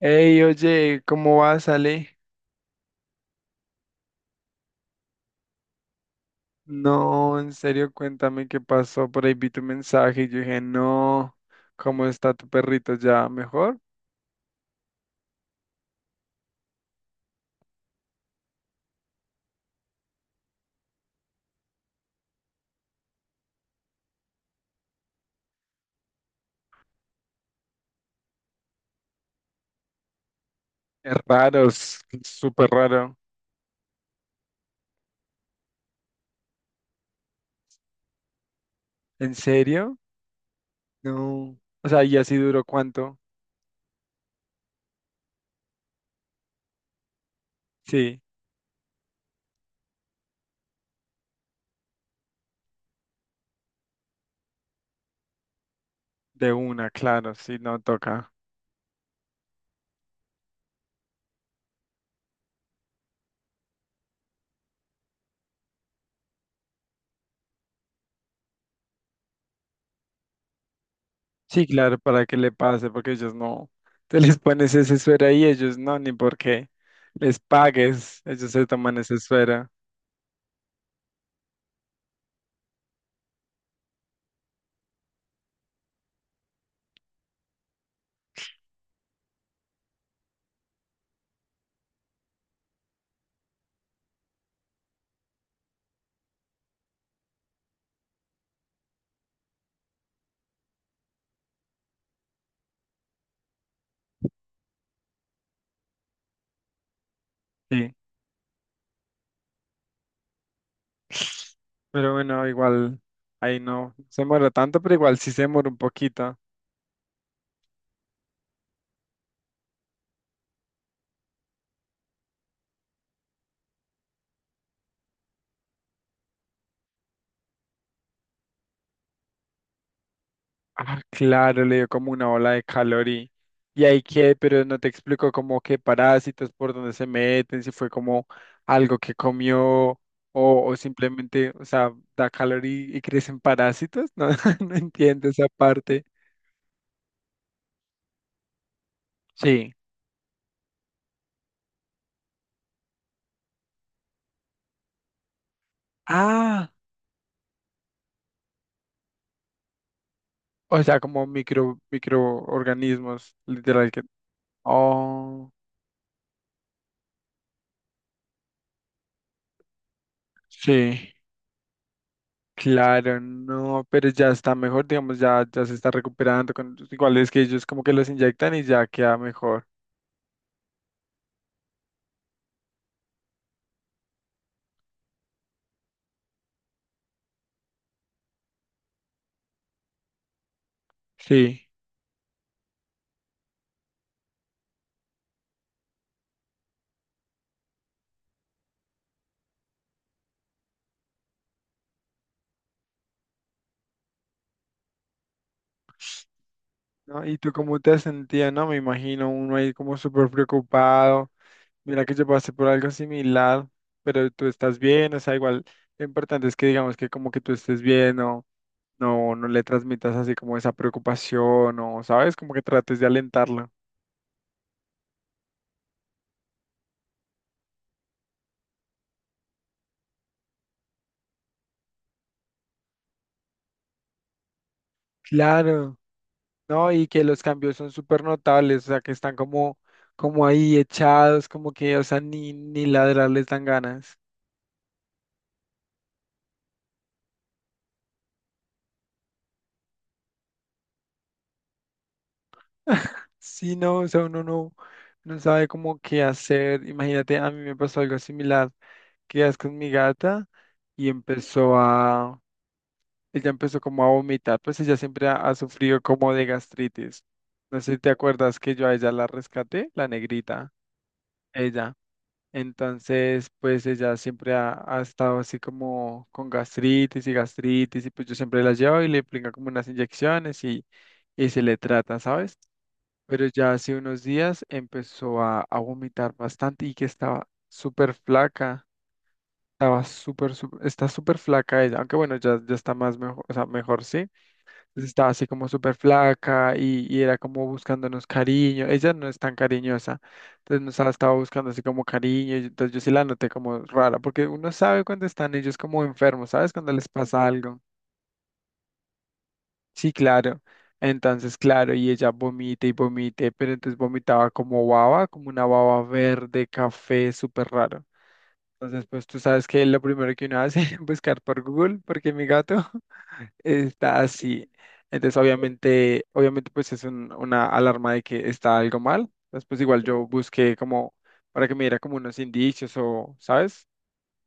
Ey, oye, ¿cómo vas, Ale? No, en serio, cuéntame qué pasó. Por ahí vi tu mensaje y yo dije, no, ¿cómo está tu perrito ya? ¿Mejor? Es raro, es súper raro. ¿En serio? No. O sea, ¿y así duró cuánto? Sí, de una, claro, sí, no toca. Sí, claro, para que le pase, porque ellos no. Te les pones ese suero ahí, ellos no, ni porque les pagues, ellos se toman ese suero. Sí. Pero bueno, igual ahí no se muere tanto, pero igual sí se muere un poquito. Ah, claro, le dio como una ola de calor y ahí qué, pero no te explico como qué parásitos, por dónde se meten, si fue como algo que comió o, o simplemente, o sea, da calor y crecen parásitos. No, no entiendo esa parte. Sí. Ah, o sea, como microorganismos, literal que. Oh, sí. Claro, no, pero ya está mejor, digamos, ya se está recuperando. Igual es que ellos como que los inyectan y ya queda mejor. Sí. ¿No? ¿Y tú cómo te has sentido? No, me imagino uno ahí como súper preocupado. Mira que yo pasé por algo similar, pero tú estás bien, o sea, igual lo importante es que digamos que como que tú estés bien, no le transmitas así como esa preocupación, o sabes, como que trates de alentarlo. Claro. ¿No? Y que los cambios son súper notables, o sea, que están como, como ahí echados, como que, o sea, ni ladrar les dan ganas. Sí, no, o sea, uno no sabe cómo qué hacer. Imagínate, a mí me pasó algo similar, que es con mi gata y empezó a, ella empezó como a vomitar, pues ella siempre ha sufrido como de gastritis. No sé si te acuerdas que yo a ella la rescaté, la negrita, ella. Entonces, pues ella siempre ha estado así como con gastritis y gastritis y pues yo siempre la llevo y le aplica como unas inyecciones y se le trata, ¿sabes? Pero ya hace unos días empezó a vomitar bastante y que estaba súper flaca, está súper flaca ella, aunque bueno, ya está más mejor, o sea, mejor sí pues, estaba así como súper flaca y era como buscándonos cariño. Ella no es tan cariñosa, entonces nos estaba buscando así como cariño. Y entonces yo sí la noté como rara, porque uno sabe cuando están ellos como enfermos, ¿sabes? Cuando les pasa algo. Sí, claro. Entonces, claro, y ella vomita y vomite, pero entonces vomitaba como baba, como una baba verde, café, súper raro. Entonces, pues tú sabes que lo primero que uno hace es buscar por Google, porque mi gato está así. Entonces, obviamente, obviamente, pues es una alarma de que está algo mal. Después, igual yo busqué como para que me diera como unos indicios o, ¿sabes?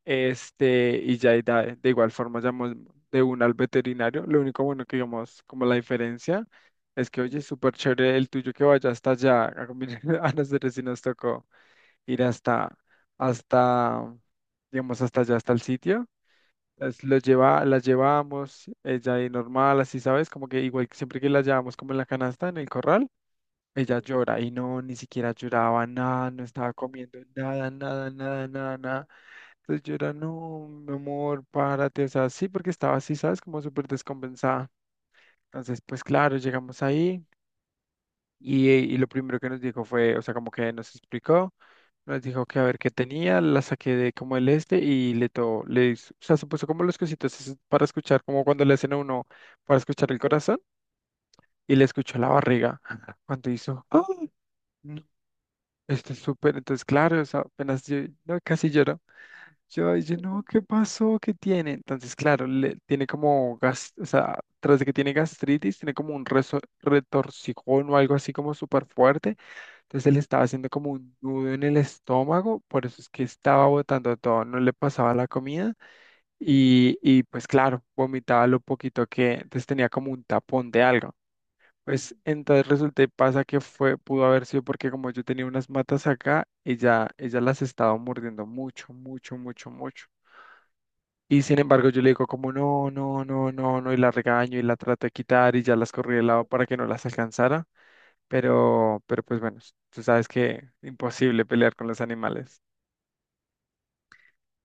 Y ya de igual forma llamó de una al veterinario. Lo único bueno que digamos, como la diferencia, es que, oye, súper chévere el tuyo que vaya hasta allá. A nosotros sí nos tocó ir hasta, digamos, hasta allá, hasta el sitio. Las llevábamos ella ahí normal, así, ¿sabes? Como que igual que siempre que las llevamos como en la canasta, en el corral, ella llora y no, ni siquiera lloraba nada, no estaba comiendo nada, nada, nada, nada, nada. Entonces yo era, no, mi amor, párate, o sea, sí, porque estaba así, ¿sabes? Como súper descompensada. Entonces, pues claro, llegamos ahí. Y lo primero que nos dijo fue, o sea, como que nos explicó, nos dijo que a ver qué tenía, la saqué de como el este y le to, le, hizo- o sea, se puso como los cositos esos para escuchar, como cuando le hacen a uno para escuchar el corazón y le escuchó la barriga cuando hizo, ¡Ah! No, esto es súper, entonces claro, o sea, apenas yo, no, casi lloro. Yo, ay, yo, no, ¿qué pasó? ¿Qué tiene? Entonces, claro, tiene como gas, o sea, tras de que tiene gastritis, tiene como un retorcijón o algo así como súper fuerte entonces él estaba haciendo como un nudo en el estómago, por eso es que estaba botando todo, no le pasaba la comida y pues claro, vomitaba lo poquito que, entonces tenía como un tapón de algo. Pues entonces resulta y pasa que fue, pudo haber sido porque como yo tenía unas matas acá, ella las estaba mordiendo mucho, mucho, mucho, mucho. Y sin embargo yo le digo como no, no, no, no, no, y la regaño y la trato de quitar y ya las corrí de lado para que no las alcanzara. Pero pues bueno, tú sabes que imposible pelear con los animales.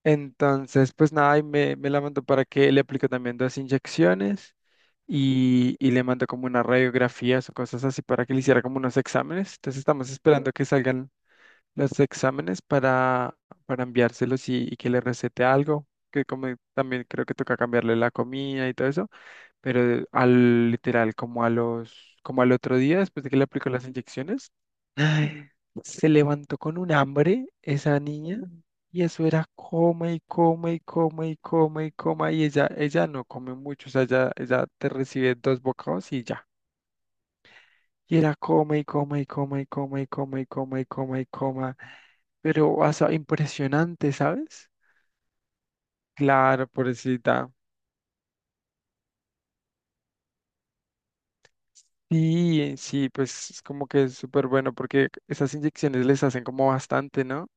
Entonces, pues nada, y me la mandó para que le aplique también dos inyecciones y le mandó como unas radiografías o cosas así para que le hiciera como unos exámenes. Entonces estamos esperando que salgan los exámenes para enviárselos y que le recete algo, que como también creo que toca cambiarle la comida y todo eso pero al literal, como al otro día, después de que le aplicó las inyecciones, ay, se levantó con un hambre esa niña y eso era coma y coma y coma y coma y coma y ella no come mucho, o sea, ella te recibe dos bocados y ya. Y era coma y coma y coma y coma y coma y coma y coma y coma, pero, o sea, impresionante, ¿sabes? Claro, pobrecita. Sí, sí, pues es como que es súper bueno porque esas inyecciones les hacen como bastante, ¿no?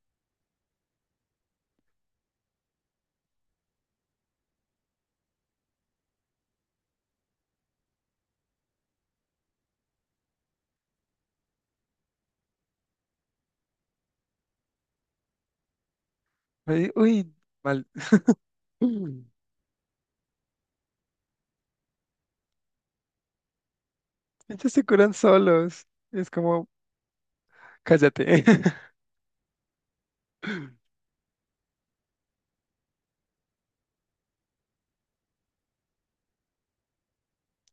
Ay, uy, mal. Mm. Ellos se curan solos. Es como, cállate.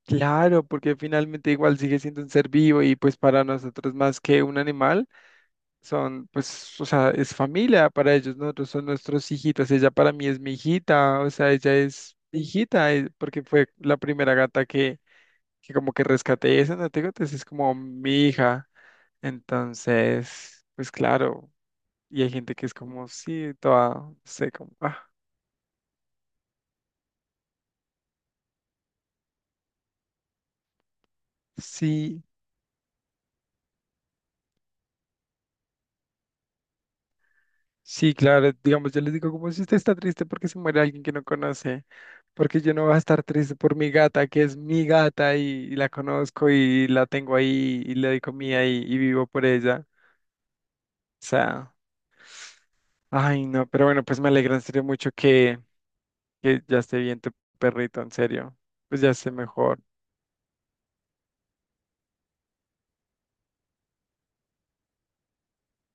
Claro, porque finalmente igual sigue siendo un ser vivo y pues para nosotros más que un animal, son pues, o sea, es familia para ellos, nosotros son nuestros hijitos, ella para mí es mi hijita, o sea, ella es mi hijita, porque fue la primera gata que, como que rescaté, esa no te digo, entonces es como mi hija. Entonces, pues claro, y hay gente que es como, sí, toda, no sé, como, ah, sí, sí, claro, digamos, yo les digo, como si usted está triste porque se muere alguien que no conoce, porque yo no voy a estar triste por mi gata, que es mi gata y la conozco y la tengo ahí y le doy comida y vivo por ella. O sea, ay, no, pero bueno, pues me alegra en serio mucho que ya esté bien tu perrito, en serio, pues ya esté mejor.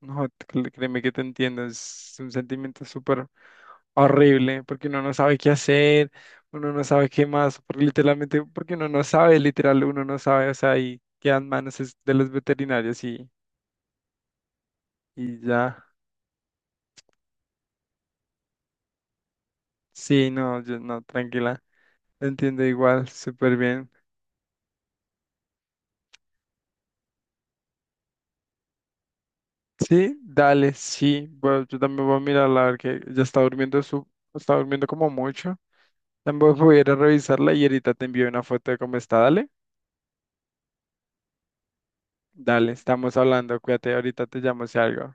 No, créeme que te entiendo, es un sentimiento súper horrible, porque uno no sabe qué hacer, uno no sabe qué más, porque literalmente, porque uno no sabe, literal, uno no sabe, o sea, y quedan manos es de los veterinarios y ya. Sí, no, yo no, tranquila, te entiendo igual, súper bien. Sí, dale, sí, bueno, yo también voy a mirarla, a ver que ya está durmiendo está durmiendo como mucho. También voy a ir a revisarla y ahorita te envío una foto de cómo está, dale. Dale, estamos hablando, cuídate, ahorita te llamo si algo.